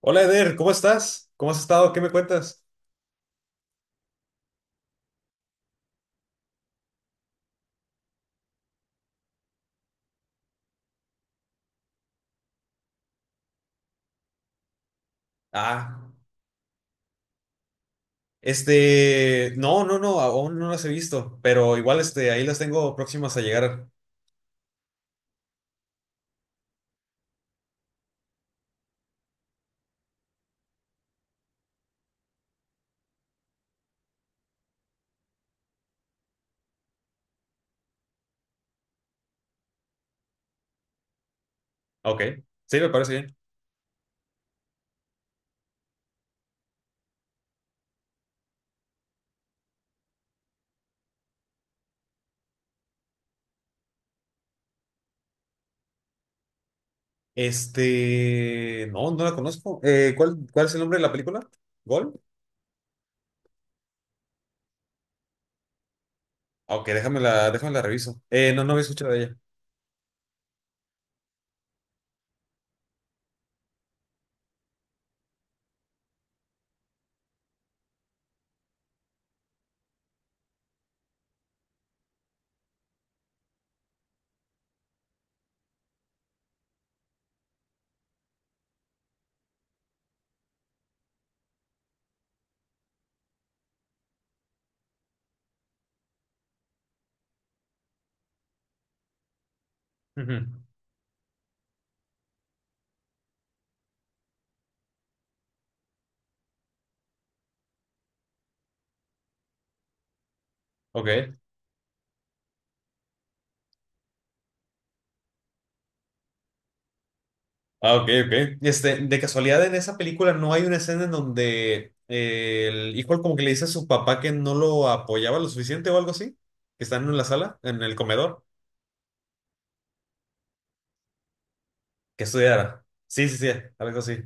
Hola Eder, ¿cómo estás? ¿Cómo has estado? ¿Qué me cuentas? Ah, no, no, no, aún no las he visto, pero igual ahí las tengo próximas a llegar. Ok, sí, me parece bien. No, no la conozco. ¿Cuál es el nombre de la película? ¿Gol? Ah, Ok, déjame la reviso. No, no había escuchado de ella. Ujú. Ok. Ah, ok, ok. De casualidad en esa película no hay una escena en donde el hijo como que le dice a su papá que no lo apoyaba lo suficiente o algo así, que están en la sala, en el comedor, que estudiara. Sí, sí, sí, algo así.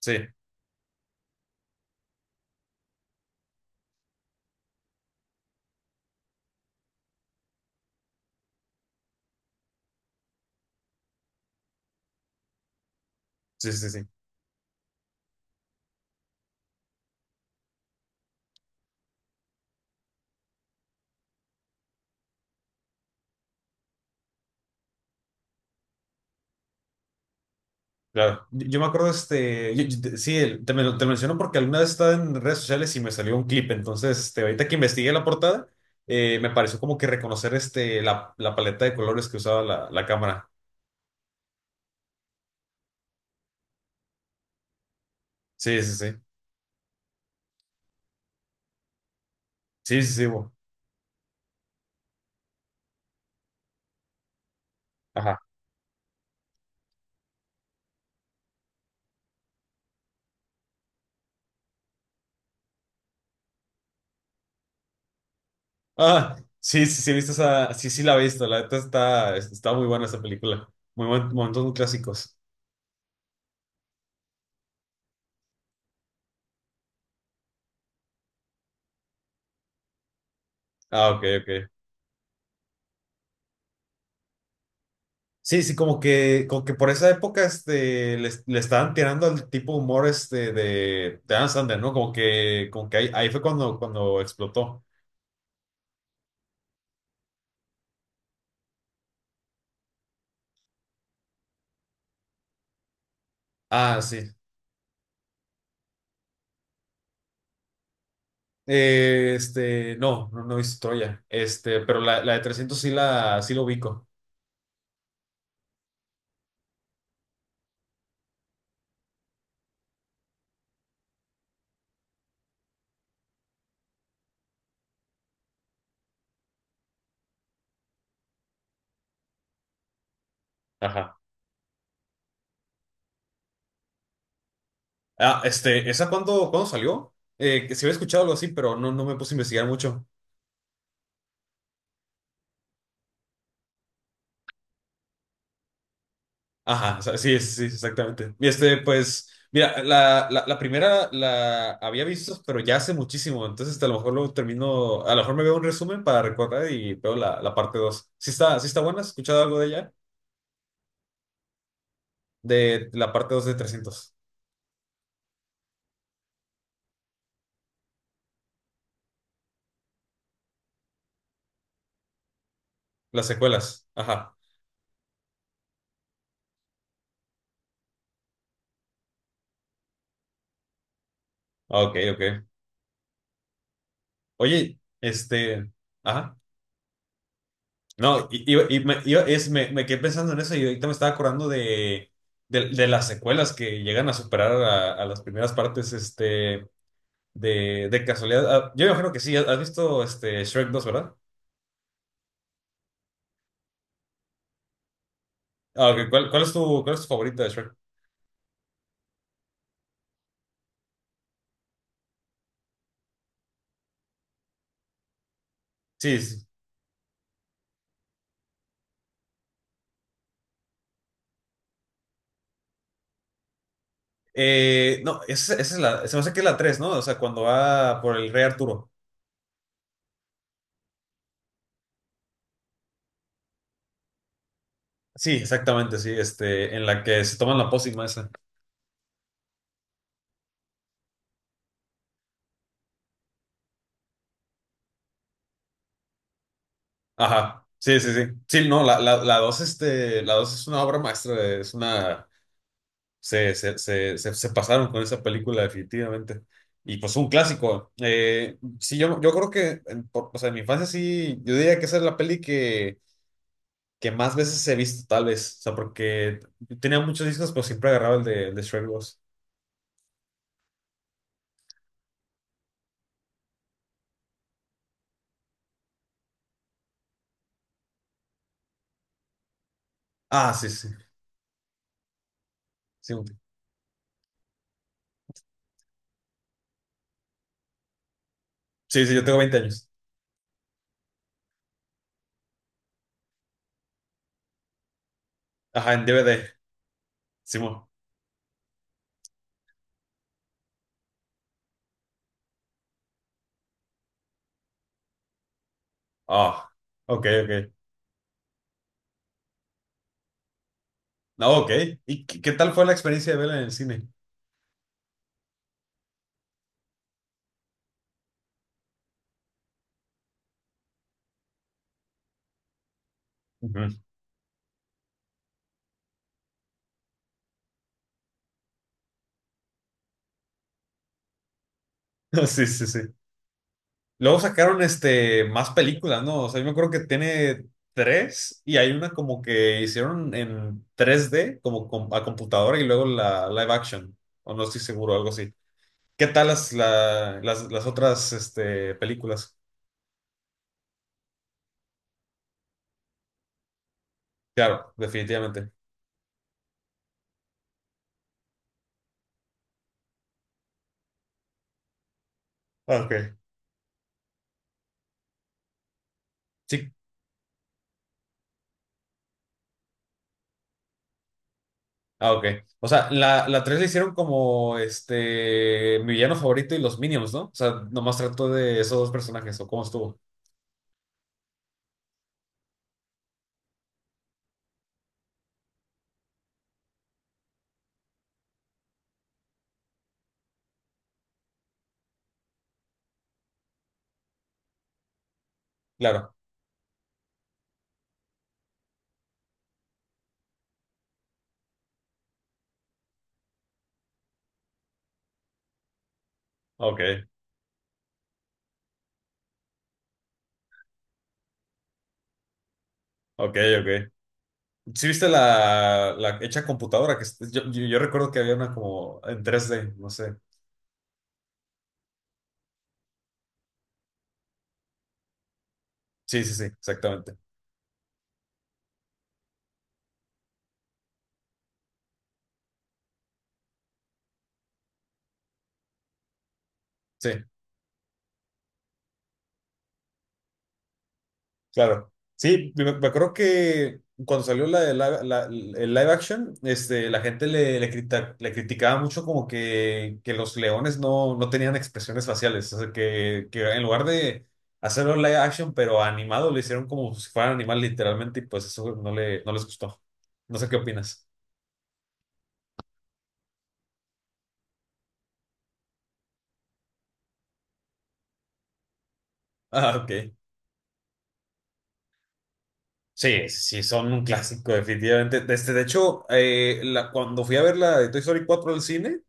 Sí, sí, sí, sí. Claro. Yo me acuerdo, sí, te lo menciono porque alguna vez estaba en redes sociales y me salió un clip. Entonces, ahorita que investigué la portada, me pareció como que reconocer, la paleta de colores que usaba la cámara. Sí, sí, sí. Sí, sí, sí, bo. Ajá. Ah, sí, sí, sí, he visto esa, sí, sí la he visto, la neta está muy buena esa película, momentos muy clásicos. Ah, ok, ok. Sí, sí, como que por esa época, le estaban tirando al tipo de humor, de Adam Sandler, ¿no? Como que ahí fue cuando explotó. Ah, sí. No, no, no he visto Troya, pero la de 300 sí lo ubico. Ajá. Ah, ¿esa cuándo salió? Que se había escuchado algo así, pero no, no me puse a investigar mucho. Ajá, o sea, sí, sí, sí, exactamente. Y pues, mira, la primera la había visto, pero ya hace muchísimo. Entonces, a lo mejor lo termino, a lo mejor me veo un resumen para recordar y veo la parte dos. Sí está buena, ¿has escuchado algo de ella? De la parte dos de 300. Las secuelas. Ajá. Ah, Ok, ok. Oye, ajá. No, y me, yo es, me quedé pensando en eso y ahorita me estaba acordando de las secuelas que llegan a superar a las primeras partes. De casualidad, ah, yo imagino que sí, has visto Shrek 2, ¿verdad? Ah, ok, ¿Cuál es tu favorita de Shrek? Sí, sí, sí. No, esa es se me hace que es la tres, ¿no? O sea, cuando va por el rey Arturo. Sí, exactamente, sí, en la que se toman la pócima esa. Ajá, sí, sí, sí. Sí, no, la dos es una obra maestra, se pasaron con esa película definitivamente. Y pues un clásico. Sí, yo creo que, o sea, en mi infancia sí, yo diría que esa es la peli que más veces he visto, tal vez. O sea, porque tenía muchos discos, pero siempre agarraba el de Shrek 2. Ah, sí, sí. Sí, sí, sí, yo tengo 20 años. Ajá, en DVD. Simón. Ah, ok, ok. No, ok. ¿Y qué tal fue la experiencia de verla en el cine? Ujú. Sí, sí, sí. Luego sacaron más películas, ¿no? O sea, yo me acuerdo que tiene tres y hay una como que hicieron en 3D a computadora y luego la live action, o no estoy seguro, algo así. ¿Qué tal las otras películas? Claro, definitivamente. Ah, Ok. Sí. Ah, ok. O sea, la 3 la hicieron como mi villano favorito y los Minions, ¿no? O sea, nomás trató de esos dos personajes, ¿o cómo estuvo? Claro. Ok, ok, ok. ¿Sí viste la hecha computadora? Que es- yo recuerdo que había una como en 3D, no sé. Sí, sí, sí, exactamente. Sí, claro. Sí, me acuerdo que cuando salió la, de live- la- el live action, la gente le criticaba mucho como que los leones no, no tenían expresiones faciales. O sea, que en lugar de hacerlo live action, pero animado, lo hicieron como si fuera animal literalmente y pues eso no les gustó. No sé qué opinas. Ah, ok. Sí, sí, son un clásico, definitivamente. De hecho, cuando fui a ver la de Toy Story 4 al cine,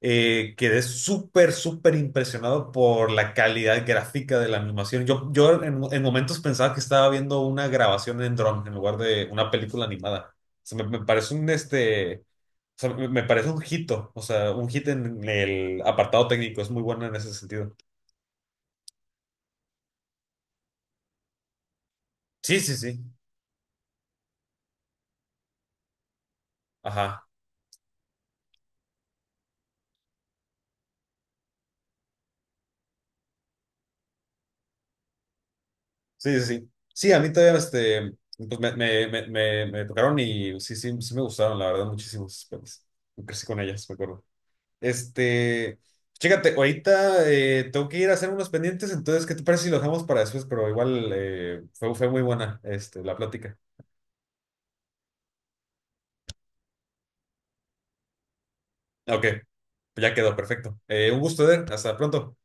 quedé súper, súper impresionado por la calidad gráfica de la animación. Yo en momentos pensaba que estaba viendo una grabación en dron en lugar de una película animada. O sea, me parece un este, o sea, me parece un hito, o sea, un hit en el apartado técnico. Es muy bueno en ese sentido. Sí, sí, sí. Ajá. Sí, sí, sí. Sí, a mí todavía pues me tocaron y sí, sí, sí me gustaron, la verdad, muchísimos. Pues, crecí con ellas, me acuerdo. Este, Chécate, ahorita tengo que ir a hacer unos pendientes. Entonces, ¿qué te parece si lo dejamos para después? Pero igual fue muy buena la plática. Ok, pues ya quedó, perfecto. Un gusto, Eder, hasta pronto.